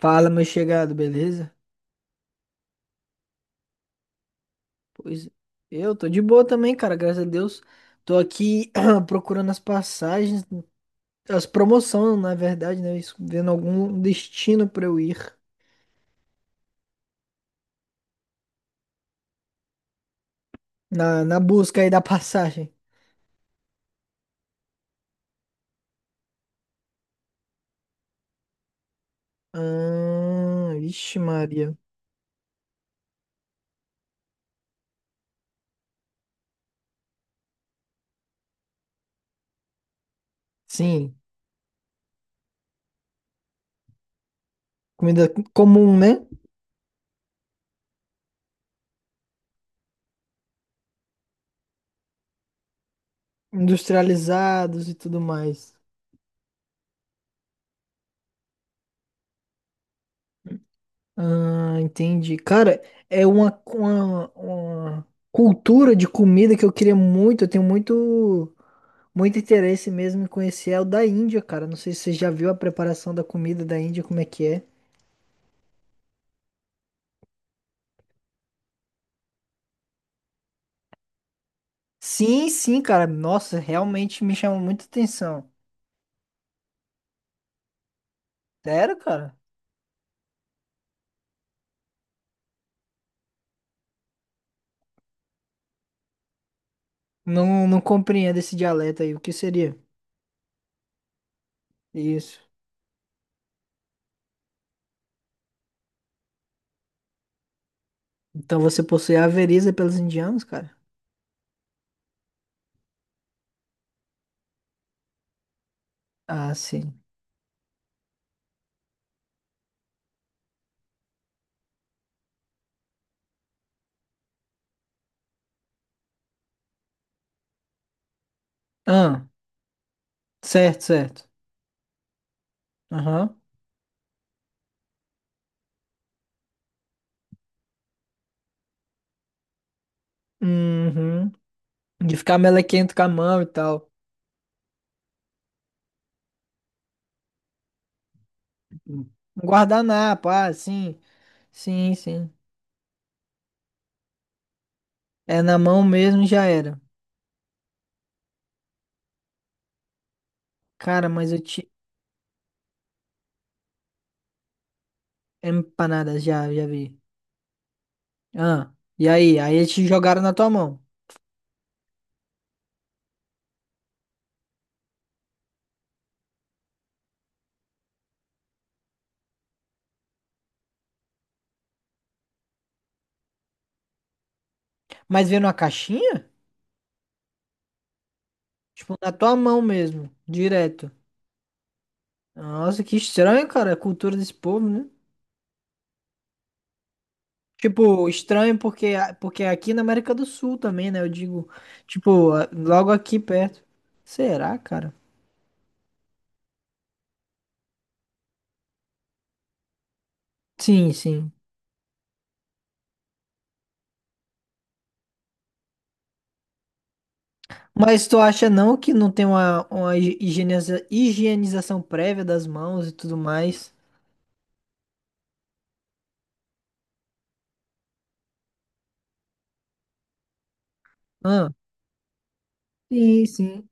Fala, meu chegado, beleza? Pois eu tô de boa também, cara, graças a Deus. Tô aqui procurando as passagens, as promoções, na verdade, né? Isso, vendo algum destino pra eu ir na busca aí da passagem. Ah, vixe, Maria. Sim, comida comum, né? Industrializados e tudo mais. Ah, entendi. Cara, é uma cultura de comida que eu queria muito. Eu tenho muito. Muito interesse mesmo em conhecer é o da Índia, cara. Não sei se você já viu a preparação da comida da Índia, como é que é. Sim, sim, cara. Nossa, realmente me chama muita atenção. Sério, cara? Não, não compreendo esse dialeto aí. O que seria? Isso. Então você possui a veriza pelos indianos, cara? Ah, sim. Ah, certo, certo. Aham. Uhum. De ficar melequento com a mão e tal. Um guardanapo, ah, sim. Sim, sim. É na mão mesmo e já era. Cara, mas eu, te, Empanadas, já, já vi. Ah, e aí? Aí eles te jogaram na tua mão. Mas veio numa caixinha? Tipo, na tua mão mesmo, direto. Nossa, que estranho, cara, a cultura desse povo, né? Tipo, estranho porque, porque aqui na América do Sul também, né? Eu digo, tipo, logo aqui perto. Será, cara? Sim, sim. Mas tu acha não que não tem uma, uma higienização prévia das mãos e tudo mais? Ah, sim, sim.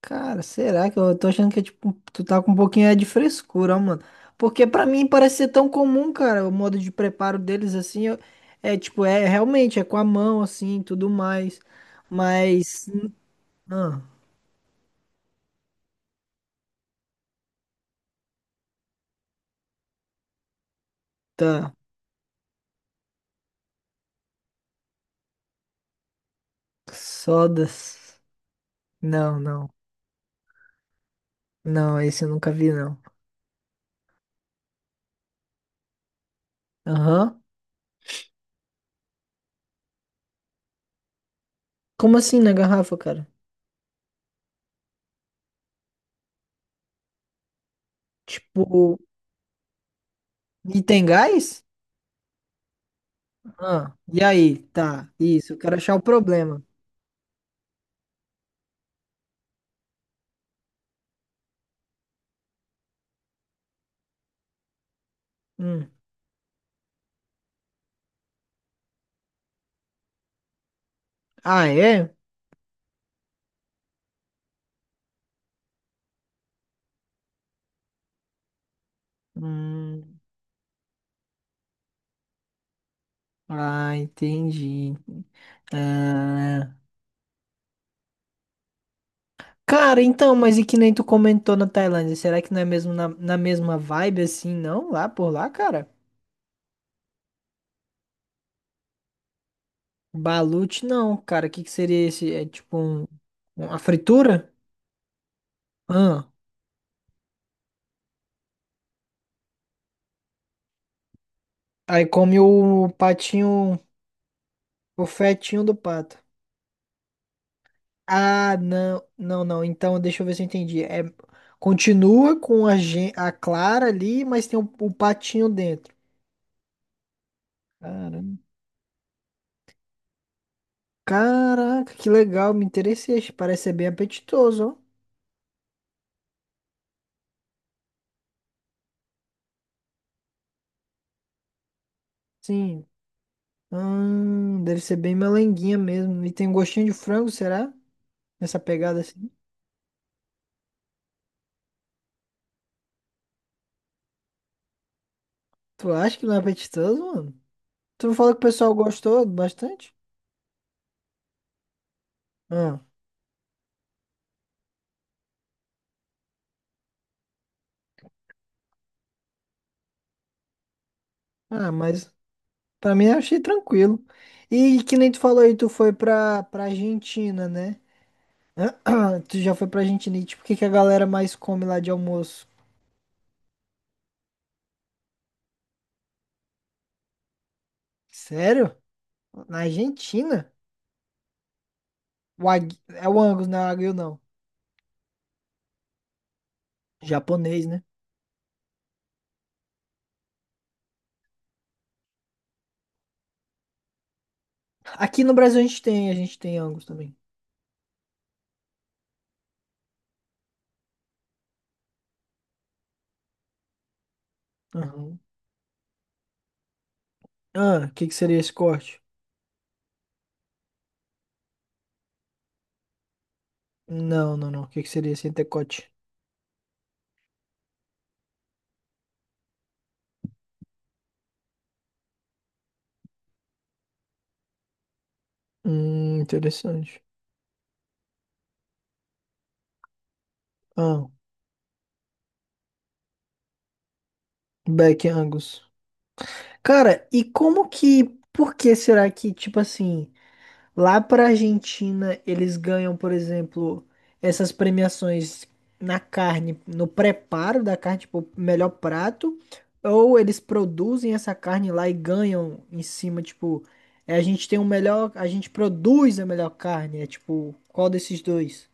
Cara, será que eu tô achando que é tipo, tu tá com um pouquinho é de frescura, ó, mano. Porque pra mim parece ser tão comum, cara, o modo de preparo deles assim, é tipo, é realmente é com a mão assim, tudo mais. Mas ah, tá. Sodas. Não, não. Não, esse eu nunca vi não. Aham. Como assim na garrafa, cara? Tipo, e tem gás? Ah, e aí? Tá. Isso, eu quero achar o problema. Hum. Ah, é? Hum. Ah, entendi. Ah, cara, então, mas e que nem tu comentou na Tailândia, será que não é mesmo na mesma vibe assim, não? Lá por lá, cara? Balut não, cara. O que que seria esse? É tipo um, uma fritura? Ah, aí come o patinho, o fetinho do pato. Ah, não, não, não. Então, deixa eu ver se eu entendi. É, continua com a clara ali, mas tem o patinho dentro. Caraca, que legal, me interessei. Acho que Parece ser bem apetitoso, ó. Sim. Deve ser bem melenguinha mesmo. E tem um gostinho de frango, será? Nessa pegada assim. Tu acha que não é apetitoso, mano? Tu não falou que o pessoal gostou bastante? Ah, mas pra mim eu achei tranquilo. E que nem tu falou aí, tu foi pra Argentina, né? Tu já foi pra Argentina e tipo, o que que a galera mais come lá de almoço? Sério? Na Argentina? É o Angus, não é o Wagyu, não. Japonês, né? Aqui no Brasil a gente tem Angus também. Aham. Ah, o que que seria esse corte? Não, não, não. O que que seria esse antecote? Interessante. Ah, Beck Angus. Cara, e como que. Por que será que, tipo assim. Lá para Argentina, eles ganham, por exemplo, essas premiações na carne, no preparo da carne, tipo, melhor prato, ou eles produzem essa carne lá e ganham em cima, tipo, é, a gente tem o melhor, a gente produz a melhor carne, é tipo, qual desses dois?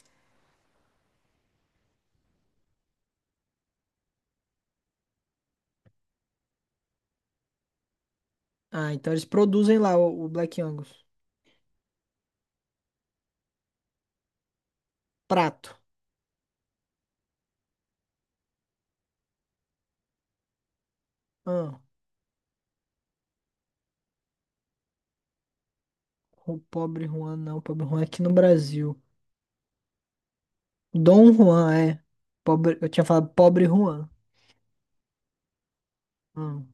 Ah, então eles produzem lá o Black Angus. Prato. Ah, o pobre Juan, não, o pobre Juan é aqui no Brasil. Dom Juan, é. Pobre, eu tinha falado pobre Juan. Ah.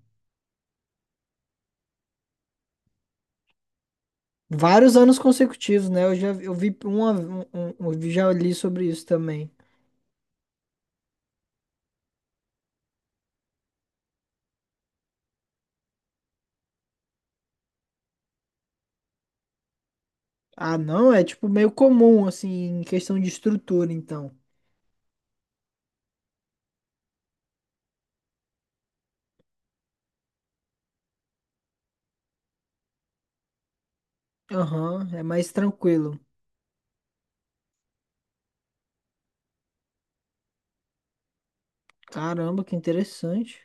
Vários anos consecutivos, né? Eu já eu vi uma, um- eu já li sobre isso também. Ah, não, é tipo meio comum, assim, em questão de estrutura, então. Aham, é mais tranquilo. Caramba, que interessante.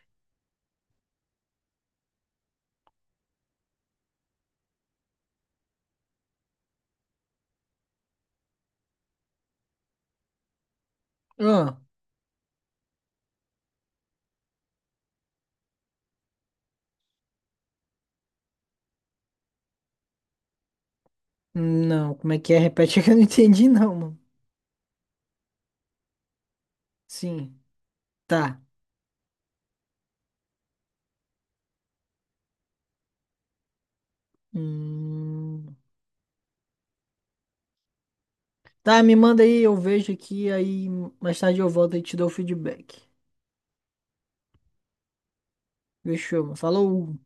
Ah, não, como é que é? Repete que eu não entendi, não, mano. Sim, tá. Hum, tá, me manda aí, eu vejo aqui, aí mais tarde eu volto e te dou o feedback. Fechou, mano. Falou!